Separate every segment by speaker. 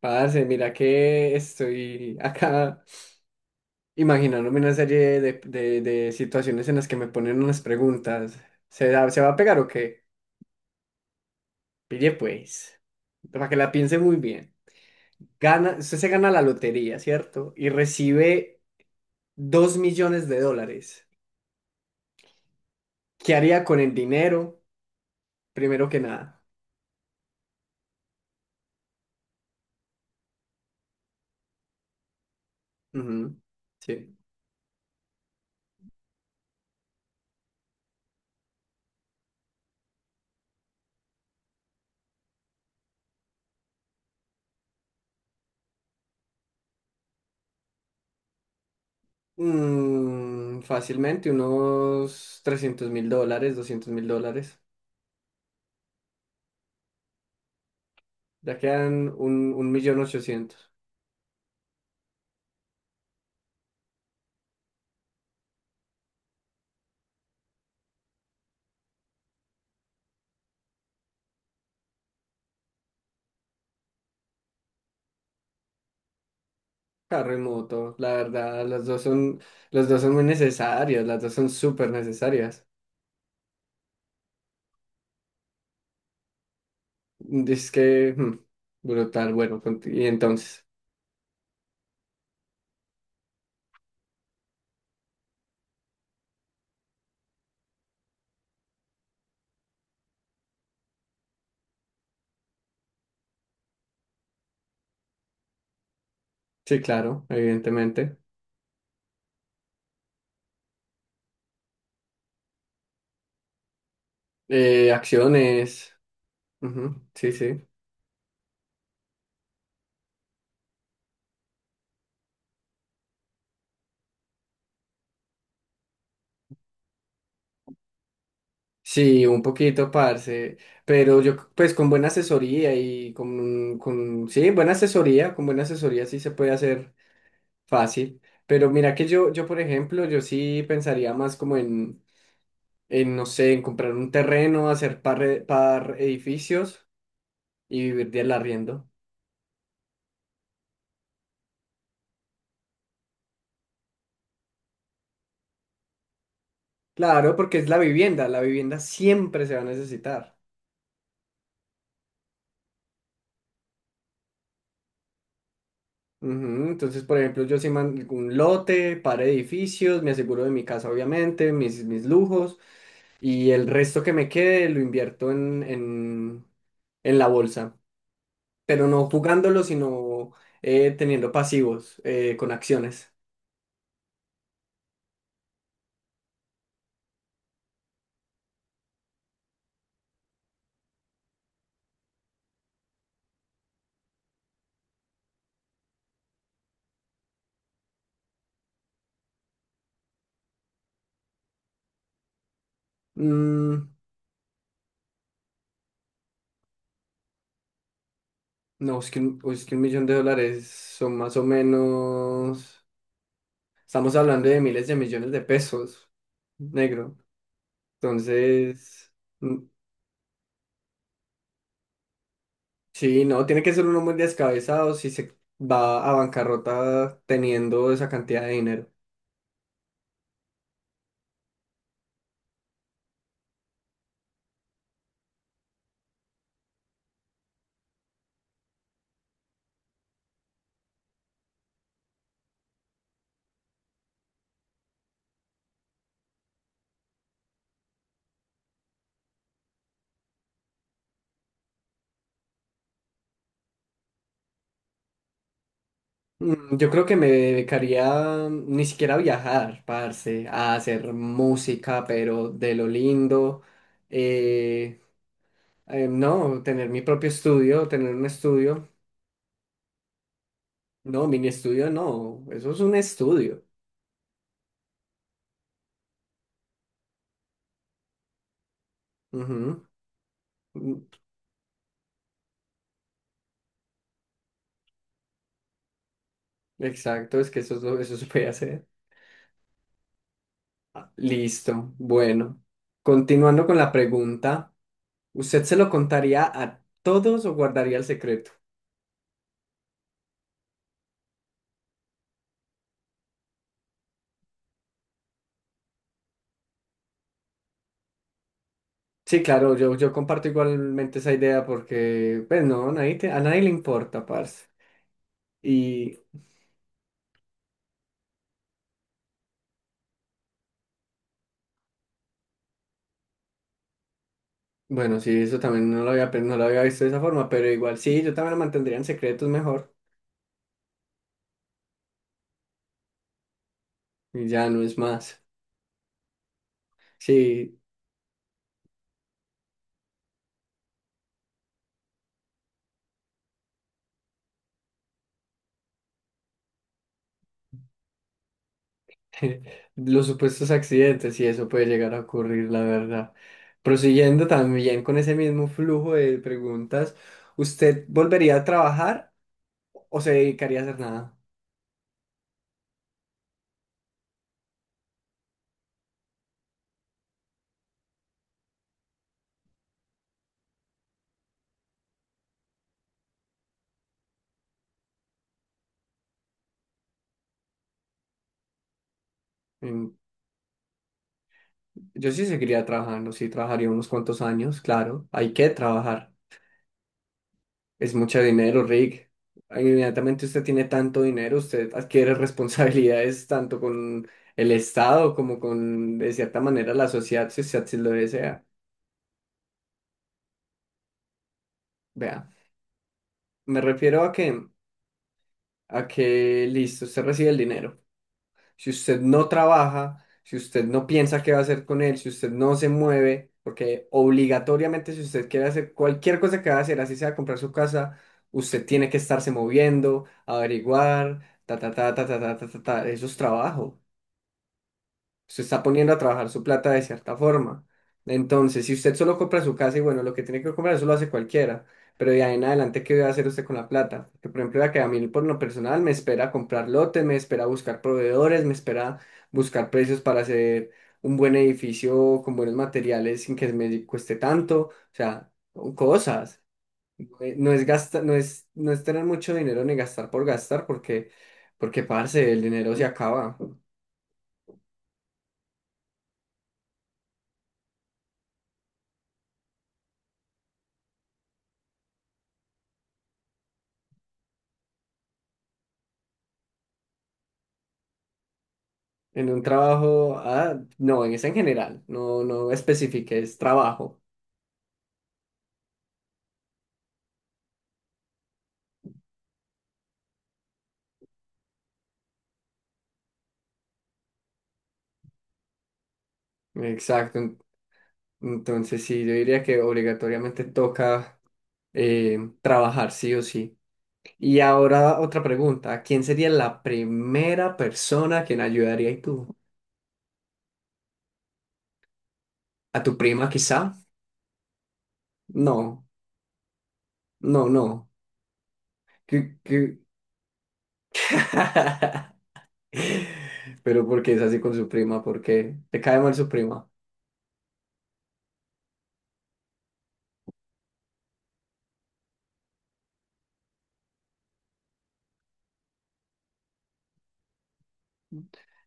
Speaker 1: Parce, mira que estoy acá imaginándome una serie de situaciones en las que me ponen unas preguntas. ¿Se va a pegar o qué? Pille pues, para que la piense muy bien. Gana, usted se gana la lotería, ¿cierto? Y recibe 2 millones de dólares. ¿Qué haría con el dinero? Primero que nada. Ujú, sí. Fácilmente unos 300.000 dólares, 200.000 dólares. Ya quedan un millón ochocientos. Carro y moto, la verdad, las dos son muy necesarias, las dos son súper necesarias. Es que, brutal, bueno, y entonces, sí, claro, evidentemente. Acciones, ujú, sí, sí. Sí, un poquito, parce, pero yo, pues, con buena asesoría y sí, buena asesoría, con buena asesoría sí se puede hacer fácil. Pero mira que por ejemplo, yo sí pensaría más como no sé, en comprar un terreno, hacer par edificios y vivir del arriendo. Claro, porque es la vivienda siempre se va a necesitar. Ujú. Entonces, por ejemplo, yo sí un lote, par edificios, me aseguro de mi casa, obviamente, mis lujos, y el resto que me quede lo invierto en, en la bolsa, pero no jugándolo, sino teniendo pasivos, con acciones. Mm, No, es que un millón de dólares son más o menos. Estamos hablando de miles de millones de pesos, negro. Entonces, mm, sí, no, tiene que ser uno muy descabezado si se va a bancarrota teniendo esa cantidad de dinero. Yo creo que me dedicaría, ni siquiera a viajar, parce, a hacer música, pero de lo lindo. Eh, no, tener mi propio estudio, tener un estudio. No, mini estudio no, eso es un estudio. Ujú. Mm, Exacto, es que eso, eso se puede hacer. Listo, bueno. Continuando con la pregunta, ¿usted se lo contaría a todos o guardaría el secreto? Sí, claro, yo comparto igualmente esa idea porque, pues no, nadie a nadie le importa, parce. Y bueno, sí, eso también no lo había, no lo había visto de esa forma, pero igual sí, yo también lo mantendría en secretos mejor y ya no es más. Sí, los supuestos accidentes y eso puede llegar a ocurrir, la verdad. Prosiguiendo también con ese mismo flujo de preguntas, ¿usted volvería a trabajar o se dedicaría a hacer nada? Mm, Yo sí seguiría trabajando, sí trabajaría unos cuantos años, claro, hay que trabajar. Es mucho dinero, Rick. Inmediatamente usted tiene tanto dinero, usted adquiere responsabilidades tanto con el Estado como con, de cierta manera, la sociedad, si usted así lo desea. Vea, me refiero a que listo, usted recibe el dinero. Si usted no trabaja, si usted no piensa qué va a hacer con él, si usted no se mueve, porque obligatoriamente si usted quiere hacer cualquier cosa que va a hacer, así sea comprar su casa, usted tiene que estarse moviendo, averiguar, ta, ta, ta, ta, ta, ta, ta, ta, ta, eso es trabajo. Usted está poniendo a trabajar su plata de cierta forma. Entonces, si usted solo compra su casa y bueno, lo que tiene que comprar, eso lo hace cualquiera. Pero de ahí en adelante, ¿qué va a hacer usted con la plata? Porque, por ejemplo, ya que a mí por lo personal me espera comprar lotes, me espera buscar proveedores, me espera buscar precios para hacer un buen edificio con buenos materiales sin que me cueste tanto. O sea, cosas. No es gastar, no es, no es tener mucho dinero ni gastar por gastar, parce, el dinero se acaba. En un trabajo, ah, no, es en general, no, no especifique, es trabajo. Exacto. Entonces sí, yo diría que obligatoriamente toca trabajar sí o sí. Y ahora otra pregunta, ¿quién sería la primera persona a quien ayudaría y tú? ¿A tu prima quizá? No, no, no. ¿Qué? ¿Pero porque es así con su prima? ¿Porque te cae mal su prima?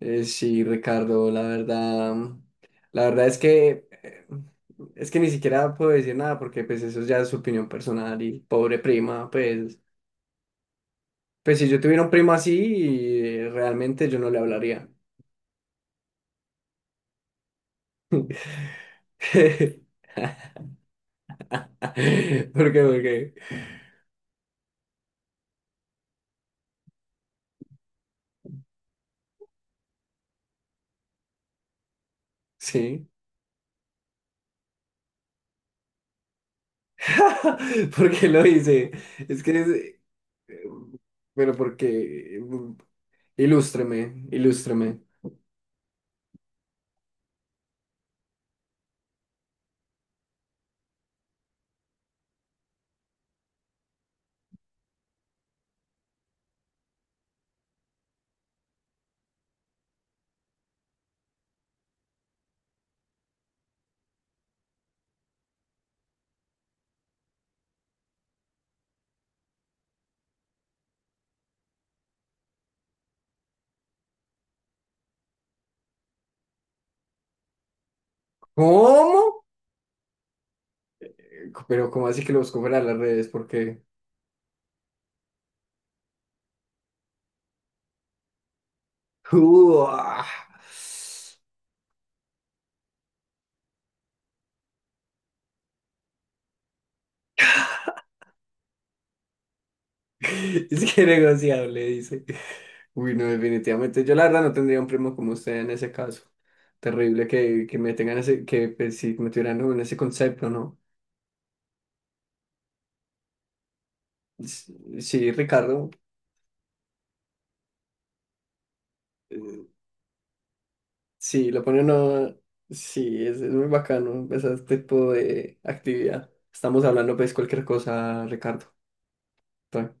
Speaker 1: Sí, Ricardo, la verdad, la verdad es que ni siquiera puedo decir nada porque pues eso ya es su opinión personal y pobre prima, pues, pues si yo tuviera un primo así, realmente yo no le hablaría. ¿Por qué? ¿Por qué? Sí. ¿Por qué lo hice? Es que es- eh, pero porque ilústreme, ilústreme. ¿Cómo? Pero ¿cómo así que lo busco fuera de las redes? Porque... ah. Es que negociable, dice. Uy, no, definitivamente. Yo la verdad no tendría un primo como usted en ese caso. Terrible que me tengan ese, que pues, sí, me tuvieran como en ese concepto, ¿no? S- Sí, Ricardo. eh, Sí, lo pone uno. Sí, es muy bacano pues, ese tipo de actividad. Estamos hablando pues cualquier cosa, Ricardo. Tranquilo.